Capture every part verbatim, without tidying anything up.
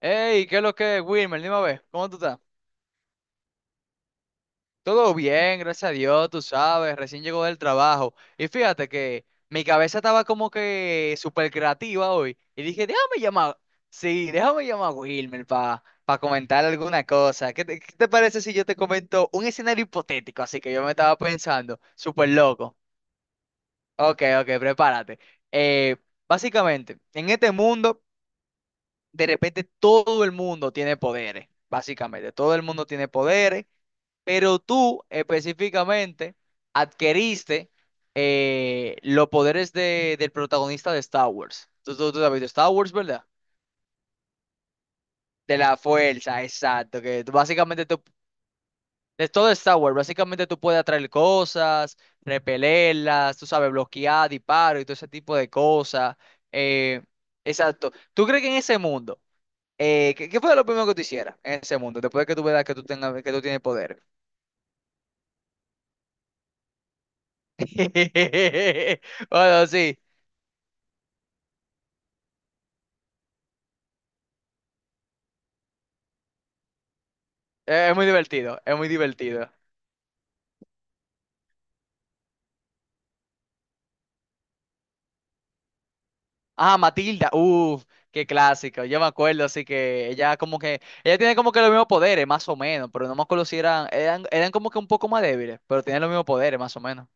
Hey, ¿qué es lo que es, Wilmer? Dime a ver, ¿cómo tú estás? Todo bien, gracias a Dios, tú sabes, recién llegó del trabajo. Y fíjate que mi cabeza estaba como que súper creativa hoy. Y dije, déjame llamar, sí, déjame llamar a Wilmer para comentar alguna cosa. ¿Qué te, qué te parece si yo te comento un escenario hipotético? Así que yo me estaba pensando, súper loco. Ok, ok, prepárate. Eh, Básicamente, en este mundo, de repente todo el mundo tiene poderes. Básicamente, todo el mundo tiene poderes. Pero tú específicamente adquiriste eh, los poderes de- del protagonista de Star Wars. Tú, tú, tú has visto Star Wars, ¿verdad? De la fuerza, exacto. Que tú básicamente tú, de todo Star Wars, básicamente tú puedes atraer cosas, repelerlas, tú sabes, bloquear, disparos y todo ese tipo de cosas. Eh, exacto. ¿Tú crees que en ese mundo, eh, ¿qué, qué fue lo primero que tú hicieras en ese mundo? Después de que tú veas que tú tengas, que tú tienes poder. Bueno, sí. Eh, Es muy divertido, es muy divertido. Ah, Matilda, uff, qué clásico. Yo me acuerdo, así que ella como que, ella tiene como que los mismos poderes, más o menos, pero no me acuerdo si eran, eran, eran como que un poco más débiles, pero tienen los mismos poderes, más o menos.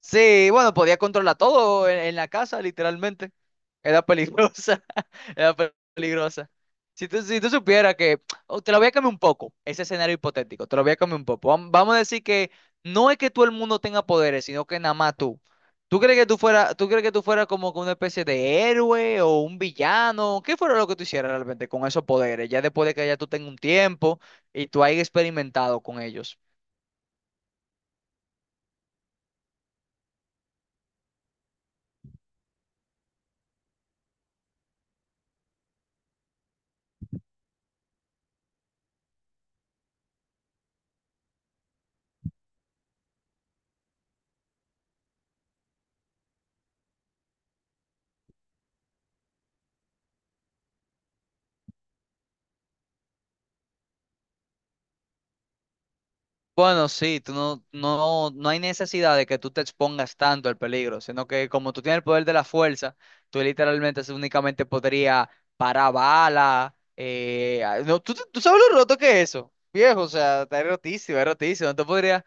Sí, bueno, podía controlar todo en, en la casa, literalmente. Era peligrosa, era pe- peligrosa. Si tú, si tú supieras que, oh, te lo voy a cambiar un poco, ese escenario hipotético, te lo voy a cambiar un poco. Vam- Vamos a decir que no es que todo el mundo tenga poderes, sino que nada más tú. ¿Tú crees que tú fuera, tú crees que tú fuera como que una especie de héroe o un villano? ¿Qué fuera lo que tú hicieras realmente con esos poderes? Ya después de que ya tú tengas un tiempo y tú hayas experimentado con ellos. Bueno, sí, tú no, no, no hay necesidad de que tú te expongas tanto al peligro, sino que como tú tienes el poder de la fuerza, tú literalmente se- únicamente podría parar bala. Eh, ah, no, ¿tú, tú sabes lo roto que es eso, viejo, o sea, está rotísimo, es rotísimo, no te podrías...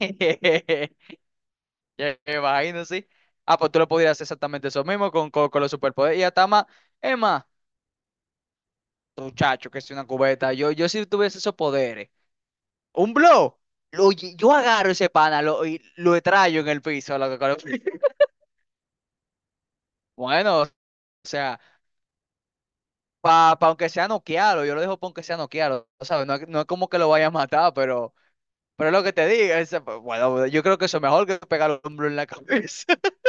Ya me imagino, sí. Ah, pues tú lo podrías hacer exactamente eso mismo con, con, con los superpoderes. Y hasta más, es más, muchacho, que es una cubeta. Yo, yo si tuviese esos poderes. Un blow. Lo- oye, yo agarro ese pana lo, y lo traigo en el piso. Loco, con el- Bueno, o sea, para aunque sea noquearlo, yo lo dejo para aunque sea noquearlo, ¿sabes? No, es- no es como que lo vaya a matar, pero, pero es lo que te digo. Ese- bueno, yo creo que eso es mejor que pegar un blow en la cabeza.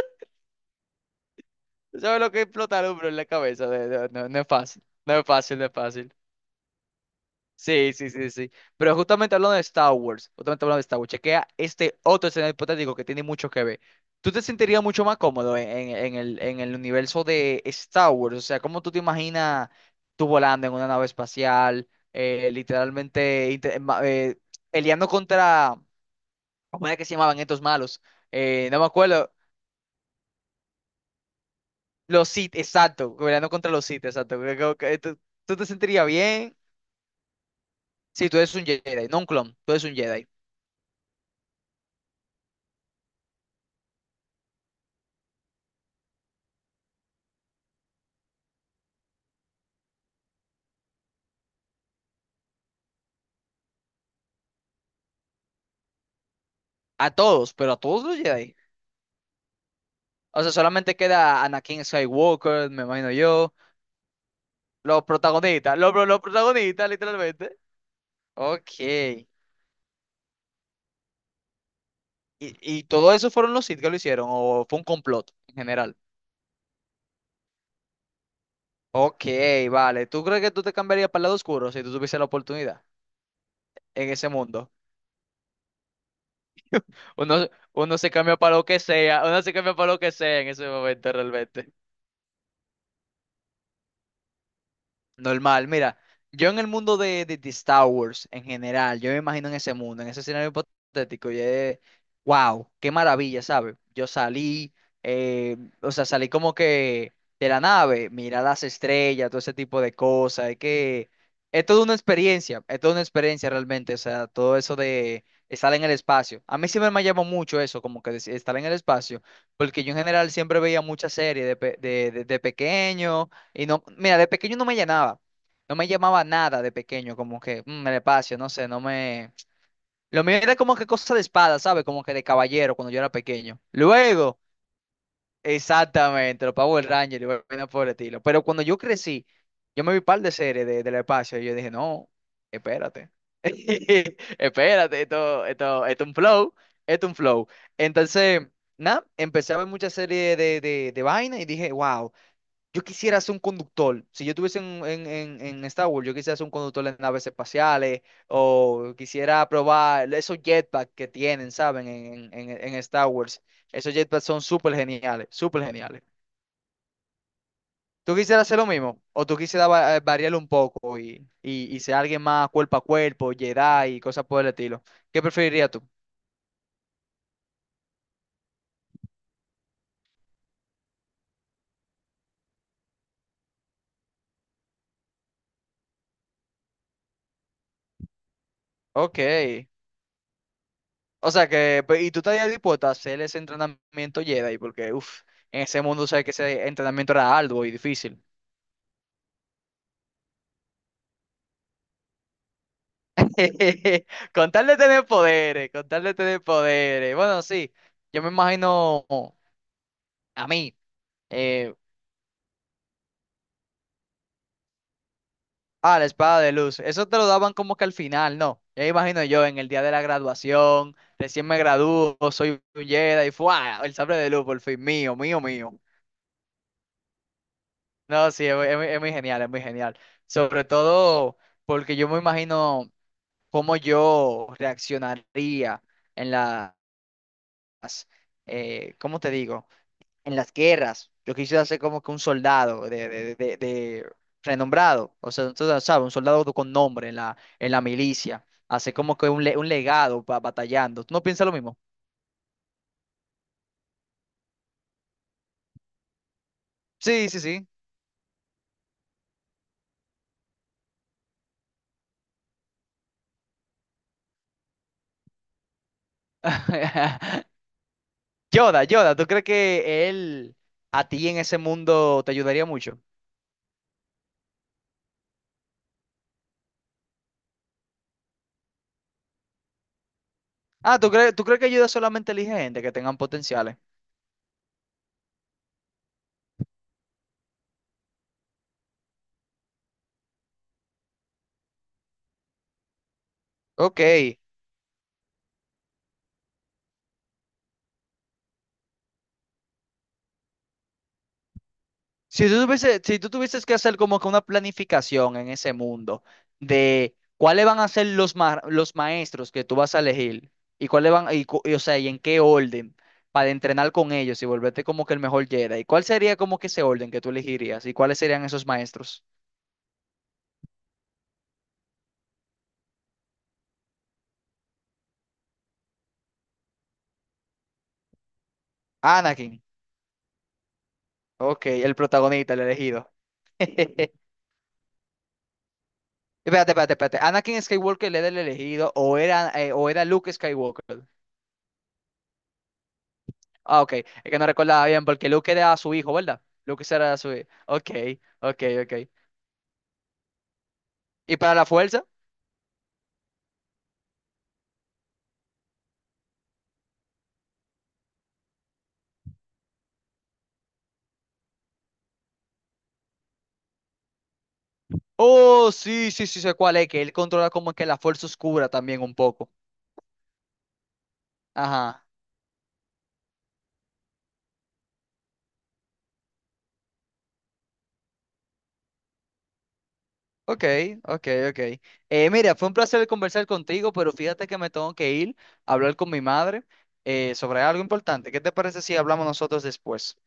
¿Sabes lo que es explotar un blow en la cabeza? De- de- no, no es fácil. No es fácil, no es fácil. Sí, sí, sí, sí. Pero justamente hablando de Star Wars, justamente hablando de Star Wars, chequea este otro escenario hipotético que tiene mucho que ver. ¿Tú te sentirías mucho más cómodo en, en- en el, en el universo de Star Wars? O sea, ¿cómo tú te imaginas tú volando en una nave espacial, eh, literalmente inte- ma- eh, peleando contra, ¿cómo era que se llamaban estos malos? Eh, no me acuerdo. Los Sith, exacto, peleando contra los Sith, exacto. Creo que- ¿Tú, tú te sentirías bien? Sí, tú eres un Jedi, no un clon, tú eres un Jedi. A todos, pero a todos los Jedi. O sea, solamente queda Anakin Skywalker, me imagino yo. Los protagonistas, los, los protagonistas, literalmente. Ok. ¿Y, y todo eso fueron los Sith que lo hicieron? ¿O fue un complot en general? Ok, vale. ¿Tú crees que tú te cambiarías para el lado oscuro si tú tuviese la oportunidad en ese mundo? Uno, uno se cambia para lo que sea, uno se cambia para lo que sea en ese momento realmente. Normal, mira, yo en el mundo de, de, de Star Wars en general, yo me imagino en ese mundo, en ese escenario hipotético, y es, wow, qué maravilla, ¿sabes? Yo salí, eh, o sea, salí como que de la nave, mirar las estrellas, todo ese tipo de cosas, es que es toda una experiencia, es toda una experiencia realmente, o sea, todo eso de estar en el espacio. A mí siempre me llamó mucho eso, como que de- estar en el espacio, porque yo en general siempre veía muchas series de, pe- de de- de pequeño. Y no, mira, de pequeño no me llenaba. No me llamaba nada de pequeño, como que mm, el espacio, no sé, no me... Lo mío era como que cosa de espada, ¿sabes? Como que de caballero cuando yo era pequeño. Luego, exactamente, los Power Rangers y vaina por el estilo. Pero cuando yo crecí, yo me vi par de series de, del espacio y yo dije, no, espérate. Espérate, esto, esto, esto es un flow, esto es un flow. Entonces, nada, empecé a ver muchas series de, de, de vaina y dije, wow. Yo quisiera ser un conductor. Si yo estuviese en, en, en, en Star Wars, yo quisiera ser un conductor en naves espaciales o quisiera probar esos jetpacks que tienen, ¿saben? En, en, en Star Wars. Esos jetpacks son súper geniales, súper geniales. ¿Tú quisieras hacer lo mismo? ¿O tú quisieras va- eh, variarlo un poco y, y, y ser alguien más cuerpo a cuerpo, Jedi y cosas por el estilo? ¿Qué preferirías tú? Ok. O sea que, pe- y tú estarías dispuesto a hacer ese entrenamiento Jedi porque, uff, en ese mundo sabes que ese entrenamiento era arduo y difícil. Con tal de tener poderes, con tal de tener poderes. Bueno, sí, yo me imagino a mí, eh, ah, la espada de luz. Eso te lo daban como que al final, ¿no? Ya me imagino yo en el día de la graduación, recién me gradúo, soy un Jedi, ¡fua! El sable de luz, por fin, mío, mío, mío. No, sí, es, muy es muy- es muy genial, es muy genial. Sobre todo porque yo me imagino cómo yo reaccionaría en las, eh, ¿cómo te digo? En las guerras. Yo quisiera ser como que un soldado de, de, de- de renombrado, o sea, tú sabes, un soldado con nombre en la, en la milicia, hacer como que un, le- un legado pa- batallando. ¿Tú no piensas lo mismo? Sí, sí, sí. Yoda, Yoda, ¿tú crees que él a ti en ese mundo te ayudaría mucho? Ah, ¿tú crees, tú crees que ayuda solamente elige gente que tengan potenciales? Ok. Si tú tuviese- si tú tuvieses que hacer como que una planificación en ese mundo de cuáles van a ser los, ma- los maestros que tú vas a elegir y cuáles van, y, cu- y, o sea, y en qué orden para entrenar con ellos y volverte como que el mejor Jedi, ¿cuál sería como que ese orden que tú elegirías y cuáles serían esos maestros? Anakin, ok, el protagonista, el elegido. Espérate, espérate, espérate. ¿Anakin Skywalker era el elegido o era, eh, o era Luke Skywalker? Ah, ok. Es que no recordaba bien, porque Luke era su hijo, ¿verdad? Luke era su hijo. Ok, ok, ok. ¿Y para la fuerza? Oh, sí, sí, sí, sé cuál es, que él controla como que la fuerza oscura también un poco. Ajá. Ok, ok, ok. Eh, mira, fue un placer conversar contigo, pero fíjate que me tengo que ir a hablar con mi madre eh, sobre algo importante. ¿Qué te parece si hablamos nosotros después?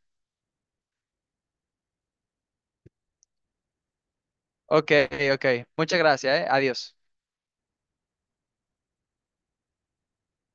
Ok, ok. Muchas gracias, eh. Adiós.